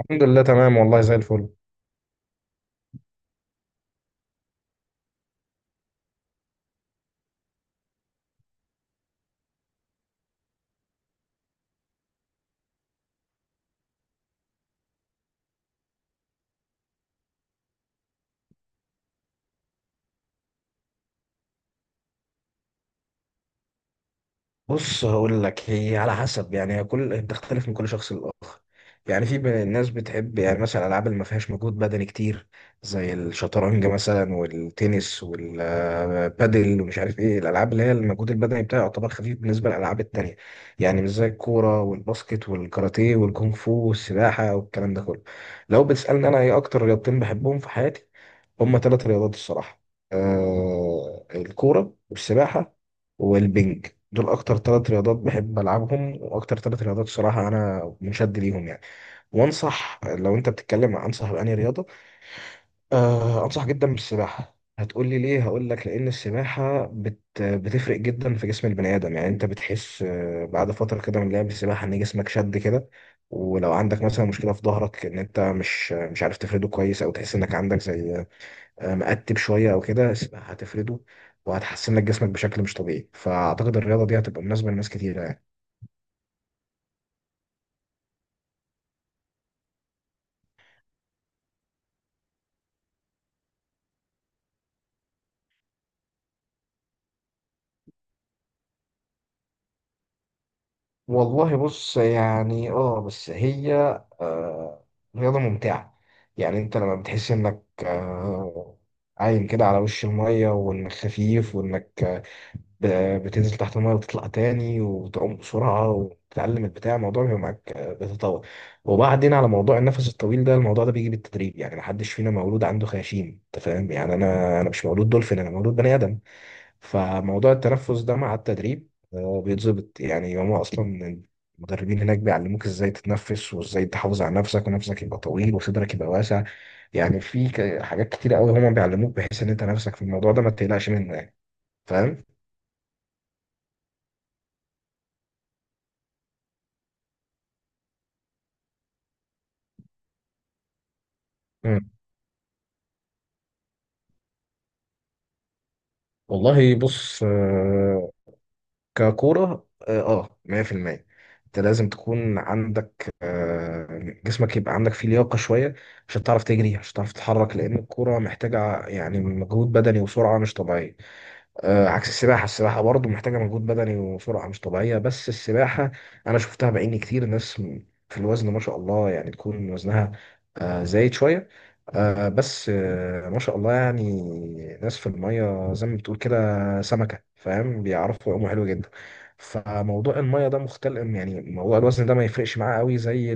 الحمد لله تمام والله زي الفل. بص هقول لك، هي على حسب، يعني هي كل بتختلف من كل شخص للآخر. يعني في بين الناس بتحب يعني مثلا الألعاب اللي ما فيهاش مجهود بدني كتير، زي الشطرنج مثلا والتنس والبادل ومش عارف ايه، الألعاب اللي هي المجهود البدني بتاعها يعتبر خفيف بالنسبة للألعاب التانية. يعني مش زي الكورة والباسكت والكاراتيه والكونغ فو والسباحة والكلام ده كله. لو بتسألني أنا ايه أكتر رياضتين بحبهم في حياتي، هما 3 رياضات الصراحة. الكورة والسباحة والبنج، دول أكتر 3 رياضات بحب ألعبهم، وأكتر 3 رياضات الصراحة أنا منشد ليهم يعني. وأنصح، لو أنت بتتكلم عن أنصح بأنهي رياضة، أنصح جدا بالسباحة. هتقول لي ليه؟ هقول لك لأن السباحة بتفرق جدا في جسم البني آدم. يعني أنت بتحس بعد فترة كده من لعب السباحة إن جسمك شد كده. ولو عندك مثلا مشكلة في ظهرك، إن أنت مش عارف تفرده كويس، أو تحس إنك عندك زي مقتب شويه او كده، هتفرده. وهتحسن لك جسمك بشكل مش طبيعي، فاعتقد الرياضه دي هتبقى مناسبه لناس كتيره يعني. والله بص، يعني بس هي آه رياضة ممتعة. يعني انت لما بتحس انك عايم كده على وش المية، وانك خفيف، وانك ب- بتنزل تحت الميه وتطلع تاني، وتعوم بسرعه، وتتعلم البتاع، الموضوع بيبقى معاك بيتطور. وبعدين على موضوع النفس الطويل ده، الموضوع ده بيجي بالتدريب. يعني محدش فينا مولود عنده خياشيم، انت فاهم؟ يعني انا مش مولود دولفين، انا مولود بني ادم. فموضوع التنفس ده مع التدريب بيتظبط. يعني هما اصلا المدربين هناك بيعلموك ازاي تتنفس، وازاي تحافظ على نفسك، ونفسك يبقى طويل، وصدرك يبقى واسع. يعني في حاجات كتيرة قوي هما بيعلموك، بحيث ان انت نفسك في الموضوع ده ما تقلقش منه يعني. فاهم؟ والله بص، ككورة 100%. انت لازم تكون عندك، جسمك يبقى عندك فيه لياقة شوية، عشان تعرف تجري، عشان تعرف تتحرك، لأن الكورة محتاجة يعني مجهود بدني وسرعة مش طبيعية. عكس السباحة. السباحة برضه محتاجة مجهود بدني وسرعة مش طبيعية، بس السباحة أنا شفتها بعيني، كتير ناس في الوزن ما شاء الله، يعني تكون وزنها زايد شوية، بس ما شاء الله يعني، ناس في المية زي ما بتقول كده سمكة، فاهم؟ بيعرفوا يعوموا حلو جدا. فموضوع المية ده مختلف، يعني موضوع الوزن ده ما يفرقش معاه قوي زي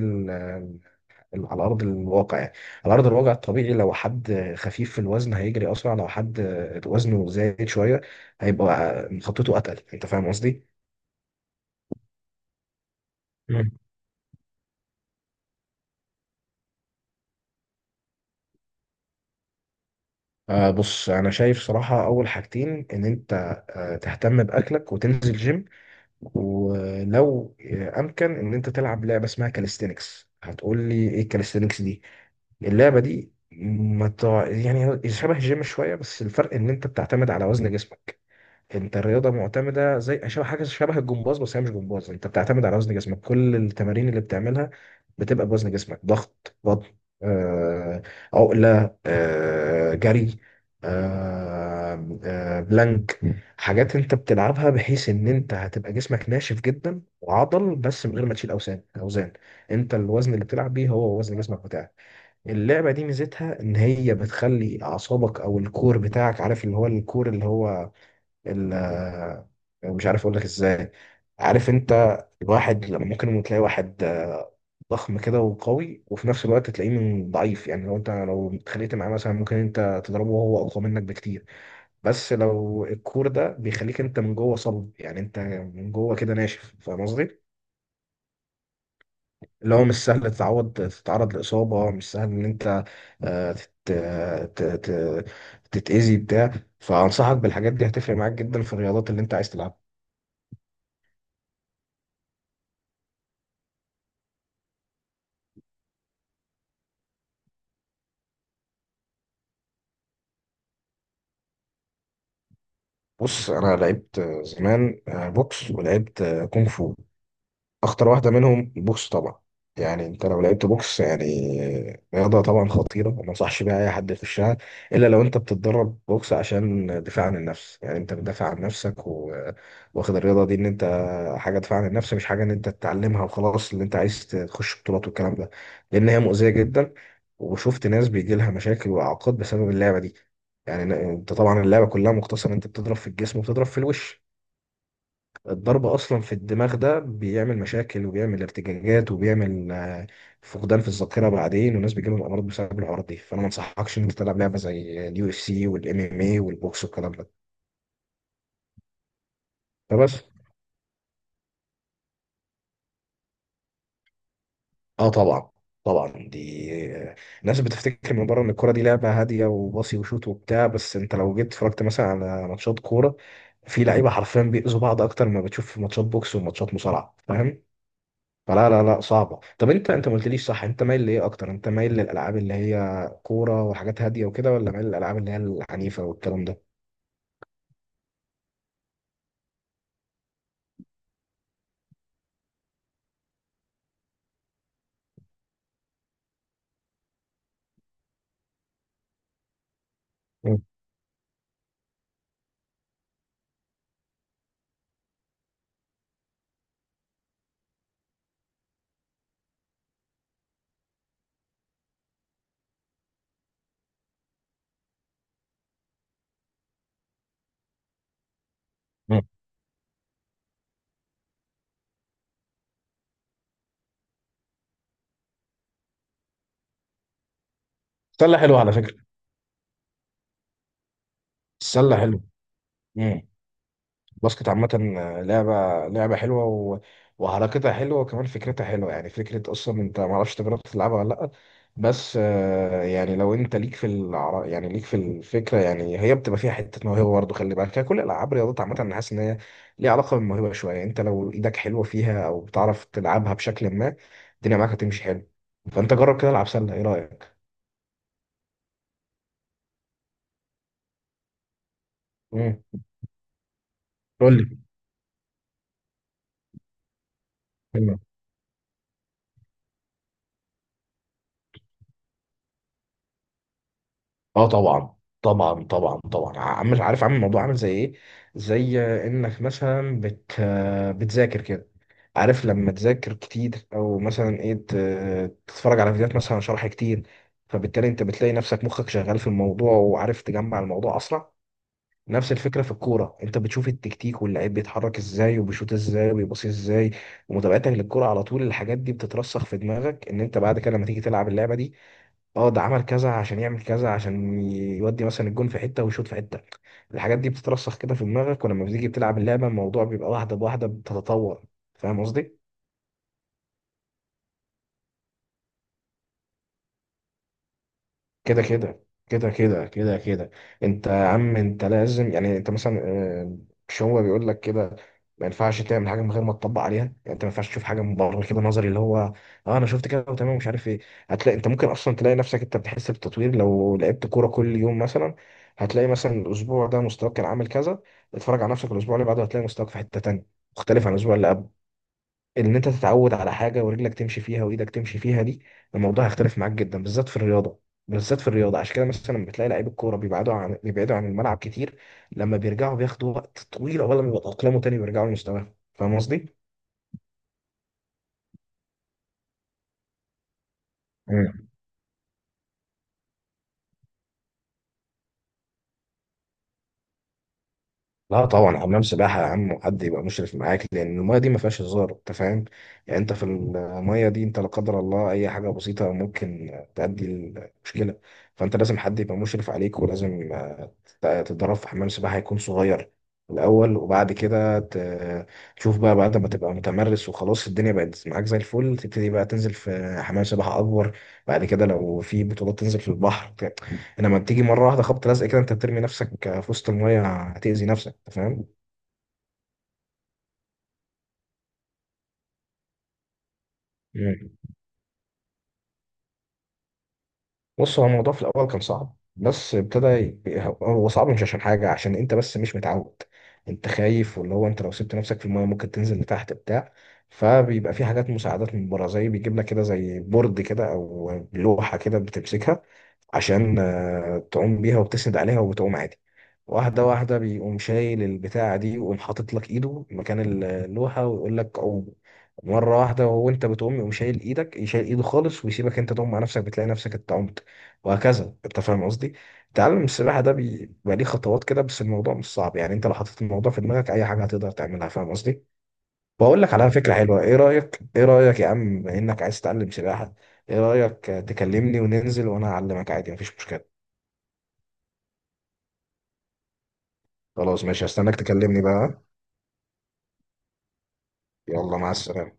على ارض الواقع يعني. على ارض الواقع الطبيعي، لو حد خفيف في الوزن هيجري اسرع، لو حد وزنه زايد شويه هيبقى خطته اتقل. انت فاهم قصدي؟ مم. بص، انا شايف صراحة اول حاجتين ان انت تهتم باكلك، وتنزل جيم. ولو امكن، ان انت تلعب لعبة اسمها كاليستينكس. هتقول لي ايه الكاليستينكس دي؟ اللعبة دي ما تع... يعني هي شبه الجيم شوية، بس الفرق ان انت بتعتمد على وزن جسمك. انت الرياضه معتمده زي شبه حاجه، شبه الجمباز، بس هي مش جمباز. انت بتعتمد على وزن جسمك، كل التمارين اللي بتعملها بتبقى بوزن جسمك: ضغط، بطن آه، عقله، جري، بلانك. حاجات انت بتلعبها، بحيث ان انت هتبقى جسمك ناشف جدا وعضل، بس من غير ما تشيل اوزان اوزان. انت الوزن اللي بتلعب بيه هو وزن جسمك بتاعك. اللعبه دي ميزتها ان هي بتخلي اعصابك او الكور بتاعك، عارف اللي هو الكور، اللي هو ال- آه، مش عارف اقول لك ازاي. عارف انت الواحد لما ممكن تلاقي واحد ضخم كده وقوي، وفي نفس الوقت تلاقيه من ضعيف. يعني لو اتخانقت معاه مثلا ممكن انت تضربه وهو اقوى منك بكتير. بس لو الكور ده بيخليك انت من جوه صلب، يعني انت من جوه كده ناشف. فاهم قصدي؟ اللي هو مش سهل تتعود تتعرض لإصابة، مش سهل إن أنت آه، تت... ت... ت... تتأذي بتاع. فأنصحك بالحاجات دي، هتفرق معاك جدا في الرياضات اللي أنت عايز تلعبها. بص، انا لعبت زمان بوكس، ولعبت كونغ فو. اخطر واحده منهم بوكس طبعا. يعني انت لو لعبت بوكس يعني رياضه طبعا خطيره، وما انصحش بيها اي حد يخشها، الا لو انت بتتدرب بوكس عشان دفاع عن النفس. يعني انت بتدافع عن نفسك، و... واخد الرياضه دي ان انت حاجه دفاع عن النفس، مش حاجه ان انت تتعلمها وخلاص اللي انت عايز تخش بطولات والكلام ده، لان هي مؤذيه جدا. وشفت ناس بيجي لها مشاكل واعاقات بسبب اللعبه دي. يعني انت طبعا اللعبه كلها مقتصره، انت بتضرب في الجسم وبتضرب في الوش. الضرب اصلا في الدماغ ده بيعمل مشاكل، وبيعمل ارتجاجات، وبيعمل فقدان في الذاكره بعدين، والناس بيجيلهم امراض بسبب الحوارات دي، فانا ما انصحكش ان انت تلعب لعبه زي اليو اف سي والام ام اي والبوكس والكلام ده. فبس اه طبعا، طبعا دي آه، الناس بتفتكر من بره ان الكوره دي لعبه هاديه، وباصي وشوت وبتاع، بس انت لو جيت اتفرجت مثلا على ماتشات كوره، في لعيبه حرفيا بيأذوا بعض اكتر ما بتشوف في ماتشات بوكس وماتشات مصارعه. فاهم؟ فلا لا لا، صعبة. طب انت ما قلتليش، صح؟ انت مايل لايه اكتر؟ انت مايل للالعاب اللي هي كورة وحاجات هادية وكده، ولا مايل للالعاب اللي هي العنيفة والكلام ده؟ مم. مم. السلة حلوة على فكرة. السلة حلوة. باسكت عامة، لعبة، لعبة حلوة، و... وحركتها حلوة، وكمان فكرتها حلوة. يعني فكرة أصلا. أنت معرفش تجربت تلعبها ولا لأ؟ بس يعني لو أنت يعني ليك في الفكرة، يعني هي بتبقى فيها حتة موهبة برضه، خلي بالك. هي كل الألعاب، الرياضات عامة، أنا حاسس إن هي ليها علاقة بالموهبة شوية. أنت لو إيدك حلوة فيها أو بتعرف تلعبها بشكل ما، الدنيا معاك هتمشي حلو. فأنت جرب كده العب سلة، إيه رأيك؟ مم. قول لي. اه طبعا طبعا طبعا طبعا. عارف، عامل الموضوع عامل زي ايه؟ زي انك مثلا بتذاكر كده. عارف لما تذاكر كتير، او مثلا ايه، تتفرج على فيديوهات مثلا شرح كتير، فبالتالي انت بتلاقي نفسك مخك شغال في الموضوع وعارف تجمع الموضوع اسرع. نفس الفكره في الكوره. انت بتشوف التكتيك، واللعيب بيتحرك ازاي، وبيشوط ازاي، وبيباصي ازاي، ومتابعتك للكوره على طول، الحاجات دي بتترسخ في دماغك. ان انت بعد كده لما تيجي تلعب اللعبه دي، اه ده عمل كذا عشان يعمل كذا، عشان يودي مثلا الجون في حته ويشوط في حته. الحاجات دي بتترسخ كده في دماغك، ولما بتيجي بتلعب اللعبه الموضوع بيبقى واحده بواحده بتتطور. فاهم قصدي؟ كده كده كده كده كده كده. انت يا عم انت لازم، يعني انت مثلا آه، مش هو بيقول لك كده، ما ينفعش تعمل حاجه من غير ما تطبق عليها. يعني انت ما ينفعش تشوف حاجه من بره كده، نظري، اللي هو اه انا شفت كده وتمام مش عارف ايه. هتلاقي انت ممكن اصلا تلاقي نفسك انت بتحس بالتطوير لو لعبت كوره كل يوم مثلا. هتلاقي مثلا الاسبوع ده مستواك كان عامل كذا، اتفرج على نفسك الاسبوع اللي بعده، هتلاقي مستواك في حته تانيه مختلف عن الاسبوع اللي قبله. ان انت تتعود على حاجه ورجلك تمشي فيها وايدك تمشي فيها دي، الموضوع هيختلف معاك جدا، بالذات في الرياضه. عشان كده مثلا لما بتلاقي لعيب الكوره بيبعدوا عن الملعب كتير، لما بيرجعوا بياخدوا وقت طويل عقبال ما يتاقلموا تاني ويرجعوا لمستواهم. فاهم قصدي؟ مم. لا طبعا، حمام سباحه يا عم، وحد يبقى مشرف معاك، لان المايه دي ما فيهاش هزار، انت فاهم. يعني انت في المايه دي، انت لا قدر الله اي حاجه بسيطه ممكن تؤدي المشكله. فانت لازم حد يبقى مشرف عليك، ولازم تتدرب في حمام سباحة هيكون صغير الأول، وبعد كده تشوف بقى بعد ما تبقى متمرس وخلاص الدنيا بقت معاك زي الفل، تبتدي بقى تنزل في حمام سباحة أكبر. بعد كده لو في بطولات تنزل في البحر، إنما تيجي مرة واحدة خبط لزق كده أنت بترمي نفسك في وسط المية، هتأذي نفسك أنت. فاهم؟ بص، هو الموضوع في الاول كان صعب، بس ابتدى هو صعب مش عشان حاجه، عشان انت بس مش متعود. انت خايف، واللي هو انت لو سبت نفسك في المايه ممكن تنزل لتحت بتاع، فبيبقى في حاجات مساعدات من بره، زي بيجيب لك كده زي بورد كده او لوحه كده بتمسكها عشان تعوم بيها وبتسند عليها وبتعوم عادي. واحدة واحدة بيقوم شايل البتاعة دي، ويقوم حاطط لك ايده مكان اللوحة ويقول لك قوم. مرة واحدة وانت بتقوم يقوم شايل ايدك، يشيل ايده خالص ويسيبك انت تقوم مع نفسك، بتلاقي نفسك انت قمت. وهكذا. انت فاهم قصدي؟ تعلم السباحة ده بيبقى ليه خطوات كده، بس الموضوع مش صعب. يعني انت لو حطيت الموضوع في دماغك اي حاجة هتقدر تعملها. فاهم قصدي؟ بقول لك على فكرة حلوة، ايه رأيك؟ ايه رأيك يا عم، بما انك عايز تتعلم سباحة؟ ايه رأيك تكلمني وننزل وانا اعلمك عادي، مفيش مشكلة. خلاص ماشي، هستناك تكلمني بقى. يلا مع السلامة.